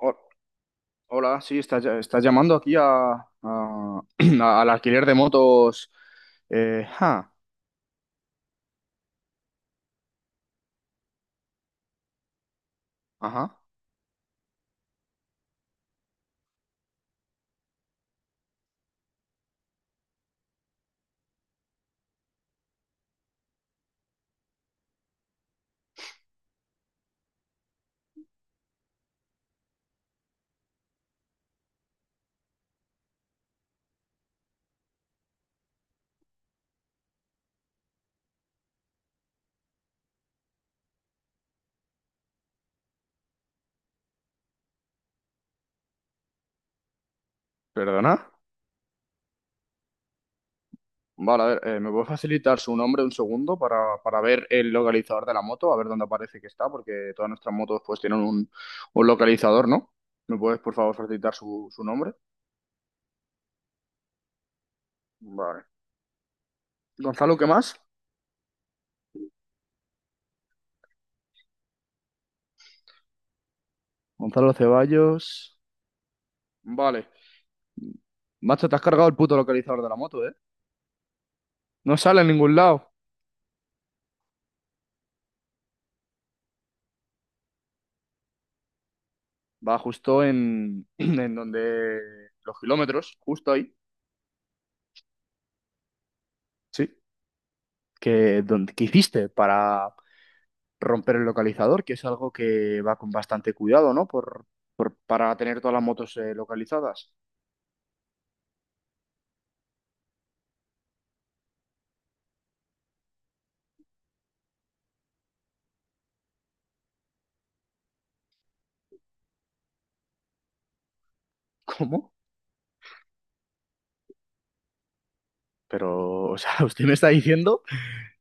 Ho- Hola, sí, estás llamando aquí al alquiler de motos. Eh, ja, ajá, perdona. Vale, a ver, ¿me puedes facilitar su nombre un segundo para ver el localizador de la moto? A ver dónde aparece que está, porque todas nuestras motos pues tienen un localizador, ¿no? ¿Me puedes, por favor, facilitar su nombre? Vale. Gonzalo, ¿qué más? Gonzalo Ceballos. Vale. Macho, te has cargado el puto localizador de la moto, ¿eh? No sale en ningún lado. Va justo en donde los kilómetros, justo ahí. Sí. Que hiciste para romper el localizador, que es algo que va con bastante cuidado, ¿no? Para tener todas las motos localizadas. ¿Cómo? Pero, o sea, usted me está diciendo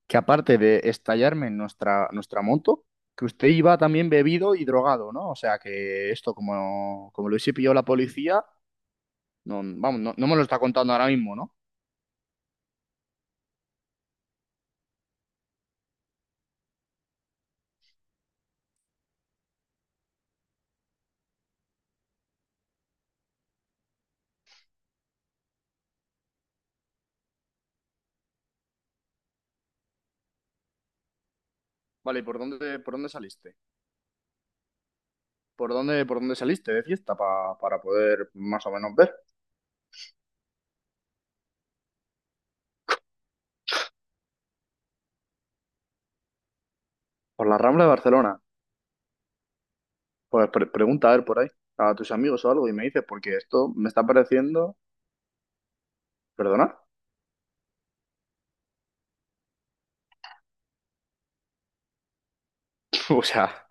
que aparte de estallarme en nuestra moto, que usted iba también bebido y drogado, ¿no? O sea, que esto, como lo hubiese pillado la policía, no, vamos, no me lo está contando ahora mismo, ¿no? Vale, ¿y por dónde saliste? ¿Por dónde saliste de fiesta para poder más o menos ver? Por la Rambla de Barcelona. Pues pregunta a ver por ahí, a tus amigos o algo, y me dices, porque esto me está pareciendo. ¿Perdona? O sea,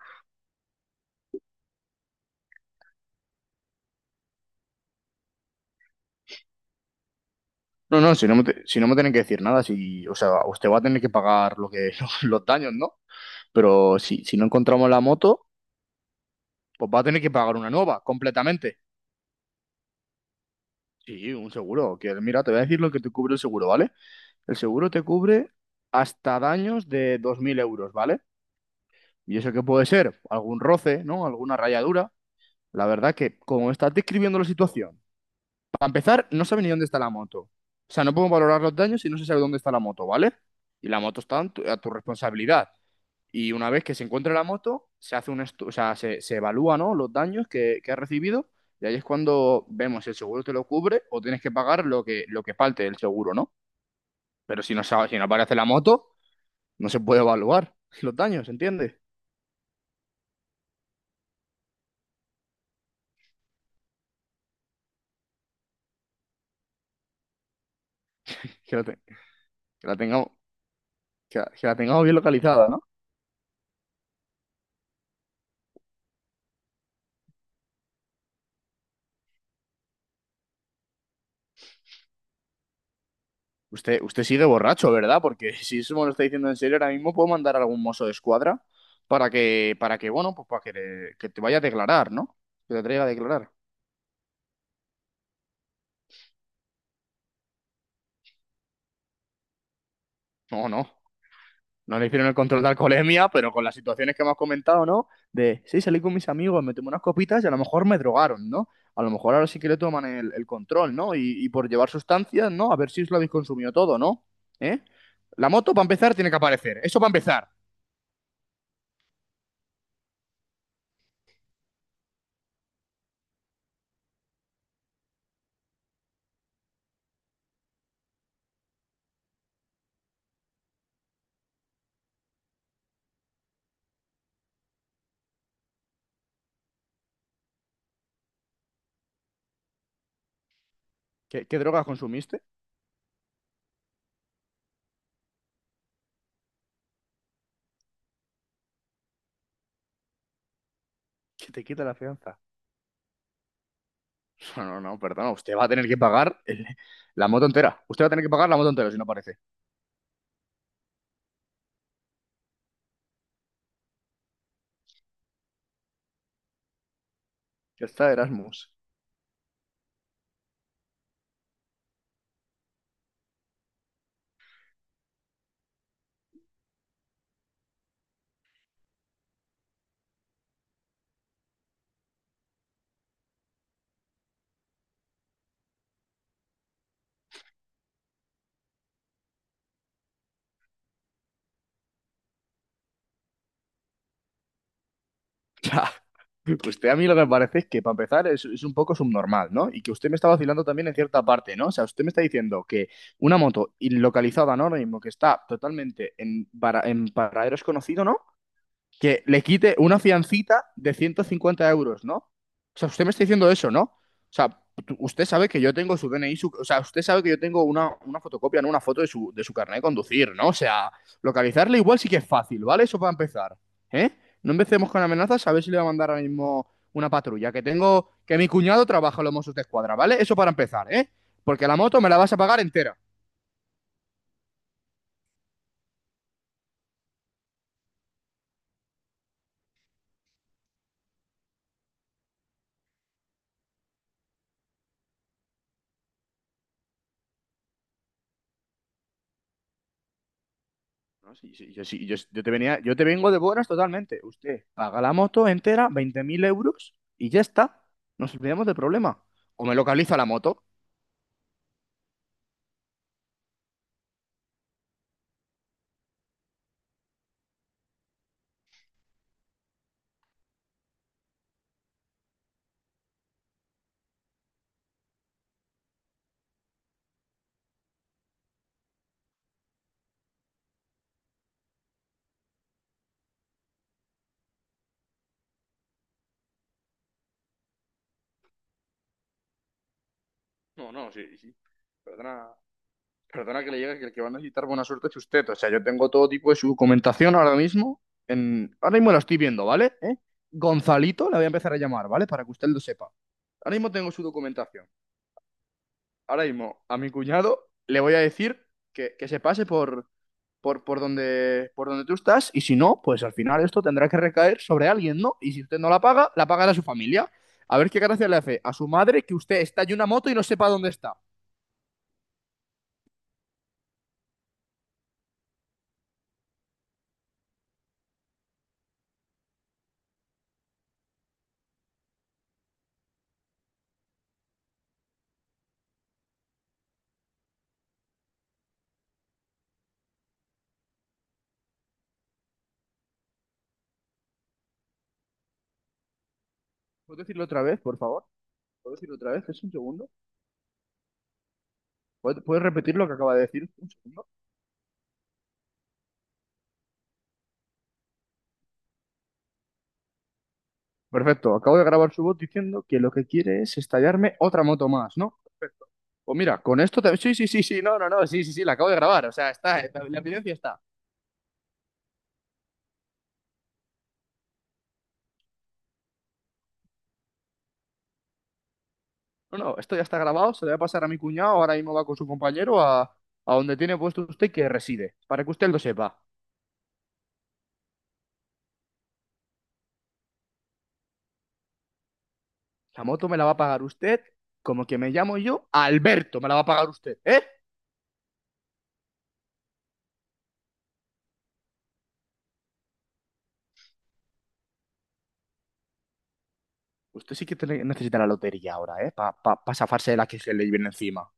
no, no, si no me tienen que decir nada, si, o sea, usted va a tener que pagar los daños, ¿no? Pero si no encontramos la moto, pues va a tener que pagar una nueva, completamente. Sí, un seguro. Que, mira, te voy a decir lo que te cubre el seguro, ¿vale? El seguro te cubre hasta daños de 2.000 euros, ¿vale? Y eso qué puede ser algún roce, ¿no? Alguna rayadura. La verdad que, como estás describiendo la situación, para empezar, no sabe ni dónde está la moto. O sea, no podemos valorar los daños si no se sabe dónde está la moto, ¿vale? Y la moto está en a tu responsabilidad. Y una vez que se encuentra la moto, se hace o sea, se evalúa, ¿no? Los daños que ha recibido. Y ahí es cuando vemos si el seguro te lo cubre o tienes que pagar lo que falte del seguro, ¿no? Pero si no aparece la moto, no se puede evaluar los daños, ¿entiendes? Que, la te- que la tengamos. Que la tengamos bien localizada, ¿no? Usted sigue borracho, ¿verdad? Porque si eso me lo está diciendo en serio, ahora mismo puedo mandar a algún mozo de escuadra bueno, pues que te vaya a declarar, ¿no? Que te traiga a declarar. No, no. No le hicieron el control de alcoholemia, pero con las situaciones que hemos comentado, ¿no? De, sí, salí con mis amigos, me tomé unas copitas y a lo mejor me drogaron, ¿no? A lo mejor ahora sí que le toman el control, ¿no? Y por llevar sustancias, ¿no? A ver si os lo habéis consumido todo, ¿no? ¿Eh? La moto, para empezar, tiene que aparecer. Eso para empezar. ¿Qué drogas consumiste? Que te quita la fianza. No, no, no, perdona. Usted va a tener que pagar la moto entera. Usted va a tener que pagar la moto entera si no aparece. Ya está, Erasmus. Ya. Usted a mí lo que me parece es que, para empezar, es un poco subnormal, ¿no? Y que usted me está vacilando también en cierta parte, ¿no? O sea, usted me está diciendo que una moto localizada, ¿no? Ahora mismo, que está totalmente en paradero desconocido, ¿no? Que le quite una fiancita de 150 euros, ¿no? O sea, usted me está diciendo eso, ¿no? O sea, usted sabe que yo tengo su DNI, o sea, usted sabe que yo tengo una fotocopia, no una foto de su carnet de conducir, ¿no? O sea, localizarle igual sí que es fácil, ¿vale? Eso para empezar, ¿eh? No empecemos con amenazas, a ver si le va a mandar ahora mismo una patrulla, que mi cuñado trabaja en los Mossos de Escuadra, ¿vale? Eso para empezar, ¿eh? Porque la moto me la vas a pagar entera. No, sí, sí, yo te vengo de buenas totalmente. Usted paga la moto entera, 20.000 euros, y ya está. Nos olvidamos del problema. O me localiza la moto. No, no, sí, sí. Perdona, perdona que le llegue que el que va a necesitar buena suerte es usted. O sea, yo tengo todo tipo de su documentación ahora mismo. Ahora mismo la estoy viendo, ¿vale? ¿Eh? Gonzalito, la voy a empezar a llamar, ¿vale? Para que usted lo sepa. Ahora mismo tengo su documentación. Ahora mismo a mi cuñado le voy a decir que se pase por donde tú estás y si no, pues al final esto tendrá que recaer sobre alguien, ¿no? Y si usted no la paga, la pagará su familia. A ver qué gracia le hace a su madre que usted está en una moto y no sepa dónde está. ¿Puedo decirlo otra vez, por favor? ¿Puedo decirlo otra vez? ¿Es un segundo? ¿Puedes repetir lo que acaba de decir? Un segundo. Perfecto, acabo de grabar su voz diciendo que lo que quiere es estallarme otra moto más, ¿no? Perfecto. Pues mira, con esto te... Sí, sí, sí, sí, no, no, no, sí, sí, sí, la acabo de grabar, o sea, está, la evidencia está. No, no, esto ya está grabado, se lo voy a pasar a mi cuñado, ahora mismo va con su compañero a donde tiene puesto usted que reside, para que usted lo sepa. La moto me la va a pagar usted, como que me llamo yo, Alberto, me la va a pagar usted, ¿eh? Usted sí que necesita la lotería ahora, ¿eh? Para pa zafarse de la que se le viene encima.